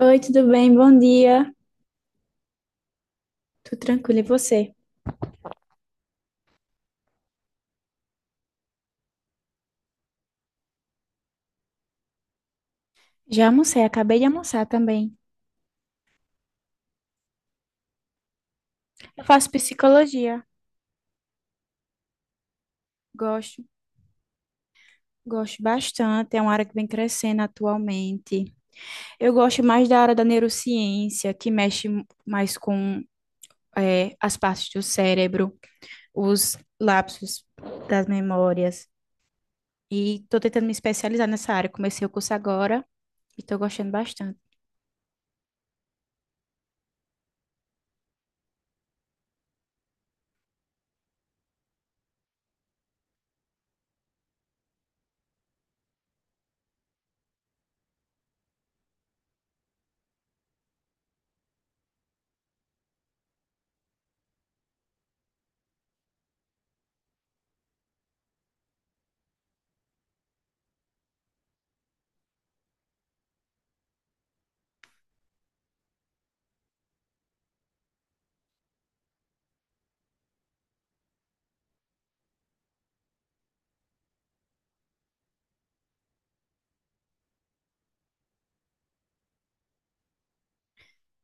Oi, tudo bem? Bom dia. Tudo tranquilo, e você? Já almocei, acabei de almoçar também. Eu faço psicologia, gosto, gosto bastante, é uma área que vem crescendo atualmente. Eu gosto mais da área da neurociência, que mexe mais com as partes do cérebro, os lapsos das memórias. E estou tentando me especializar nessa área. Comecei o curso agora e estou gostando bastante.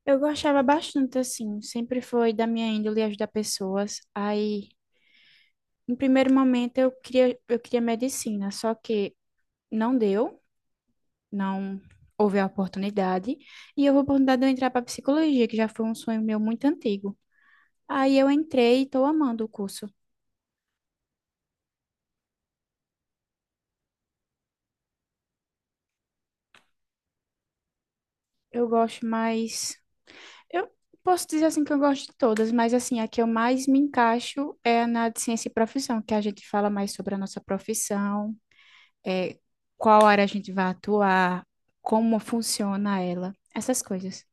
Eu gostava bastante, assim, sempre foi da minha índole ajudar pessoas. Aí no primeiro momento eu queria medicina, só que não deu, não houve a oportunidade, e houve a oportunidade de eu entrar para psicologia, que já foi um sonho meu muito antigo. Aí eu entrei e estou amando o curso. Eu gosto mais. Eu posso dizer assim que eu gosto de todas, mas assim, a que eu mais me encaixo é na de ciência e profissão, que a gente fala mais sobre a nossa profissão, é, qual área a gente vai atuar, como funciona ela, essas coisas.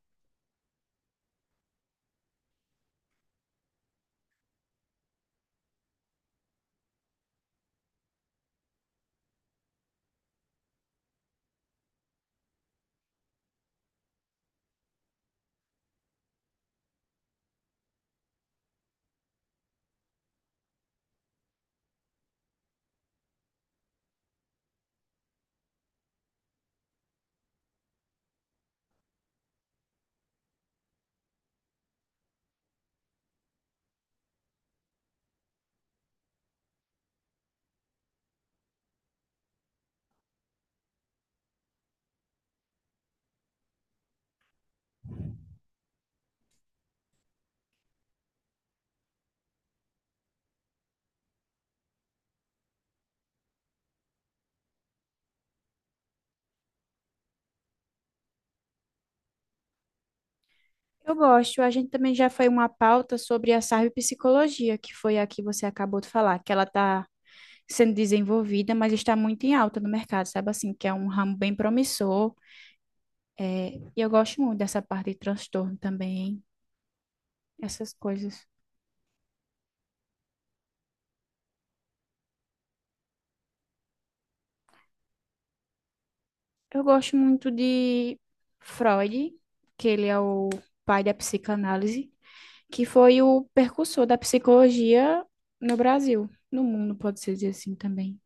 Eu gosto. A gente também já foi uma pauta sobre a cyberpsicologia, que foi a que você acabou de falar, que ela está sendo desenvolvida, mas está muito em alta no mercado, sabe assim, que é um ramo bem promissor. É, e eu gosto muito dessa parte de transtorno também, essas coisas. Eu gosto muito de Freud, que ele é o pai da psicanálise, que foi o precursor da psicologia no Brasil, no mundo, pode-se dizer assim também.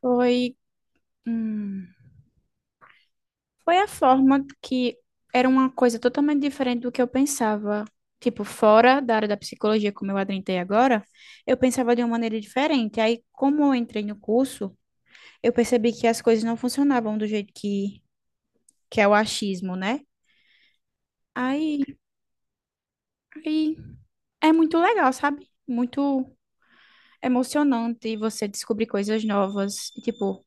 Foi. Hum, foi a forma que era uma coisa totalmente diferente do que eu pensava. Tipo, fora da área da psicologia, como eu adentrei agora, eu pensava de uma maneira diferente. Aí, como eu entrei no curso, eu percebi que as coisas não funcionavam do jeito que é o achismo, né? Aí, aí é muito legal, sabe? Muito emocionante você descobrir coisas novas. E, tipo,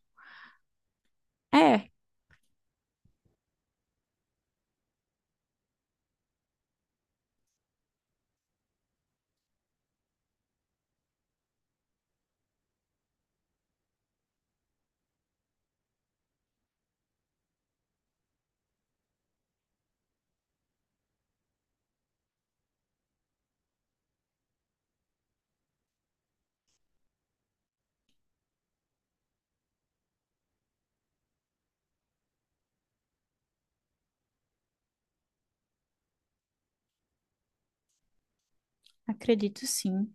é, acredito sim.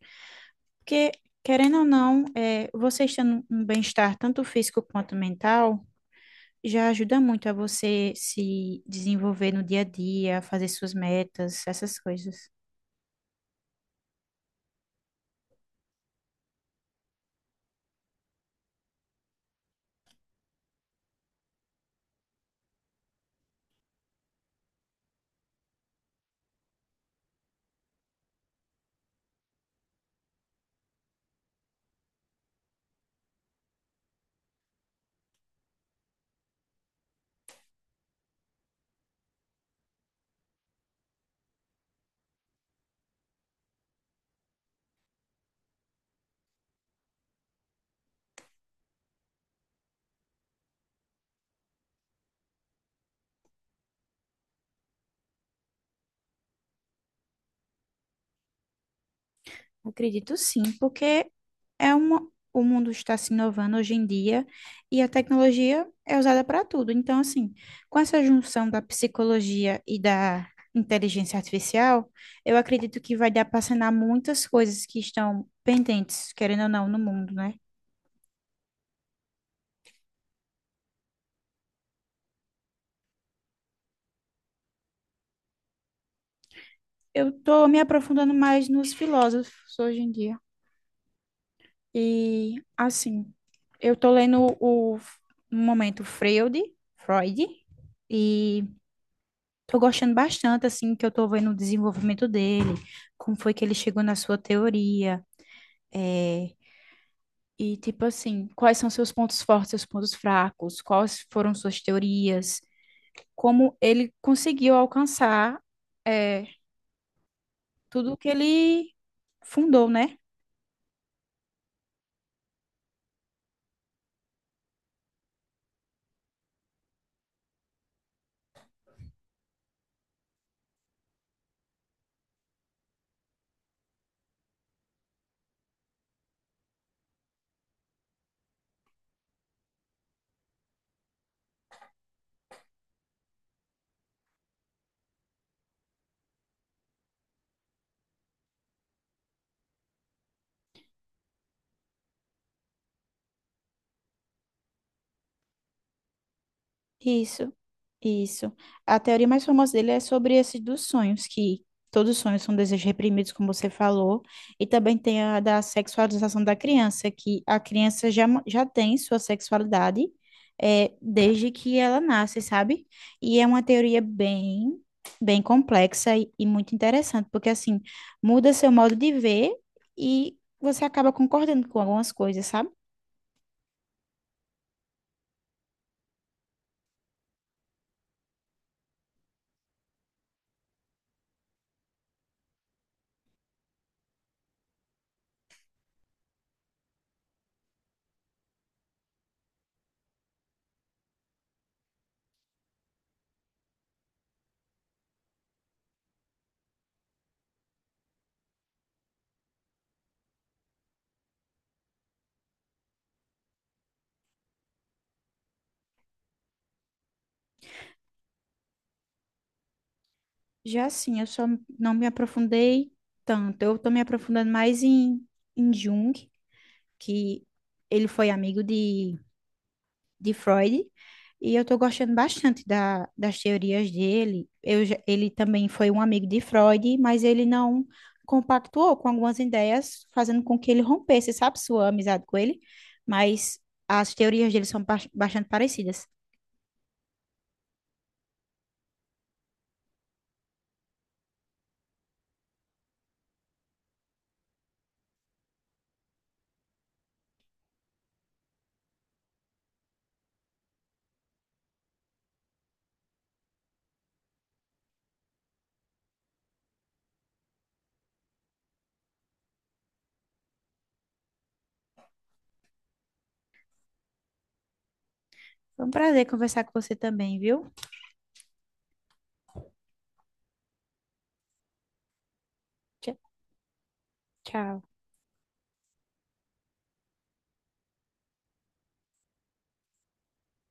Porque, querendo ou não, é, você estando em um bem-estar tanto físico quanto mental já ajuda muito a você se desenvolver no dia a dia, fazer suas metas, essas coisas. Acredito sim, porque é uma, o mundo está se inovando hoje em dia e a tecnologia é usada para tudo. Então, assim, com essa junção da psicologia e da inteligência artificial, eu acredito que vai dar para sanar muitas coisas que estão pendentes, querendo ou não, no mundo, né? Eu estou me aprofundando mais nos filósofos hoje em dia. E assim, eu tô lendo o no momento Freud, Freud, e tô gostando bastante assim que eu tô vendo o desenvolvimento dele, como foi que ele chegou na sua teoria, é, e tipo assim, quais são seus pontos fortes, seus pontos fracos, quais foram suas teorias, como ele conseguiu alcançar é, tudo que ele fundou, né? Isso, isso. A teoria mais famosa dele é sobre esse dos sonhos, que todos os sonhos são desejos reprimidos, como você falou, e também tem a da sexualização da criança, que a criança já, já tem sua sexualidade é, desde que ela nasce, sabe? E é uma teoria bem, bem complexa e muito interessante, porque assim, muda seu modo de ver e você acaba concordando com algumas coisas, sabe? Já sim, eu só não me aprofundei tanto. Eu estou me aprofundando mais em, em Jung, que ele foi amigo de Freud, e eu estou gostando bastante da, das teorias dele. Eu, já- ele também foi um amigo de Freud, mas ele não compactuou com algumas ideias, fazendo com que ele rompesse, sabe, sua amizade com ele. Mas as teorias dele são bastante parecidas. Foi um prazer conversar com você também, viu? Tchau. Tchau.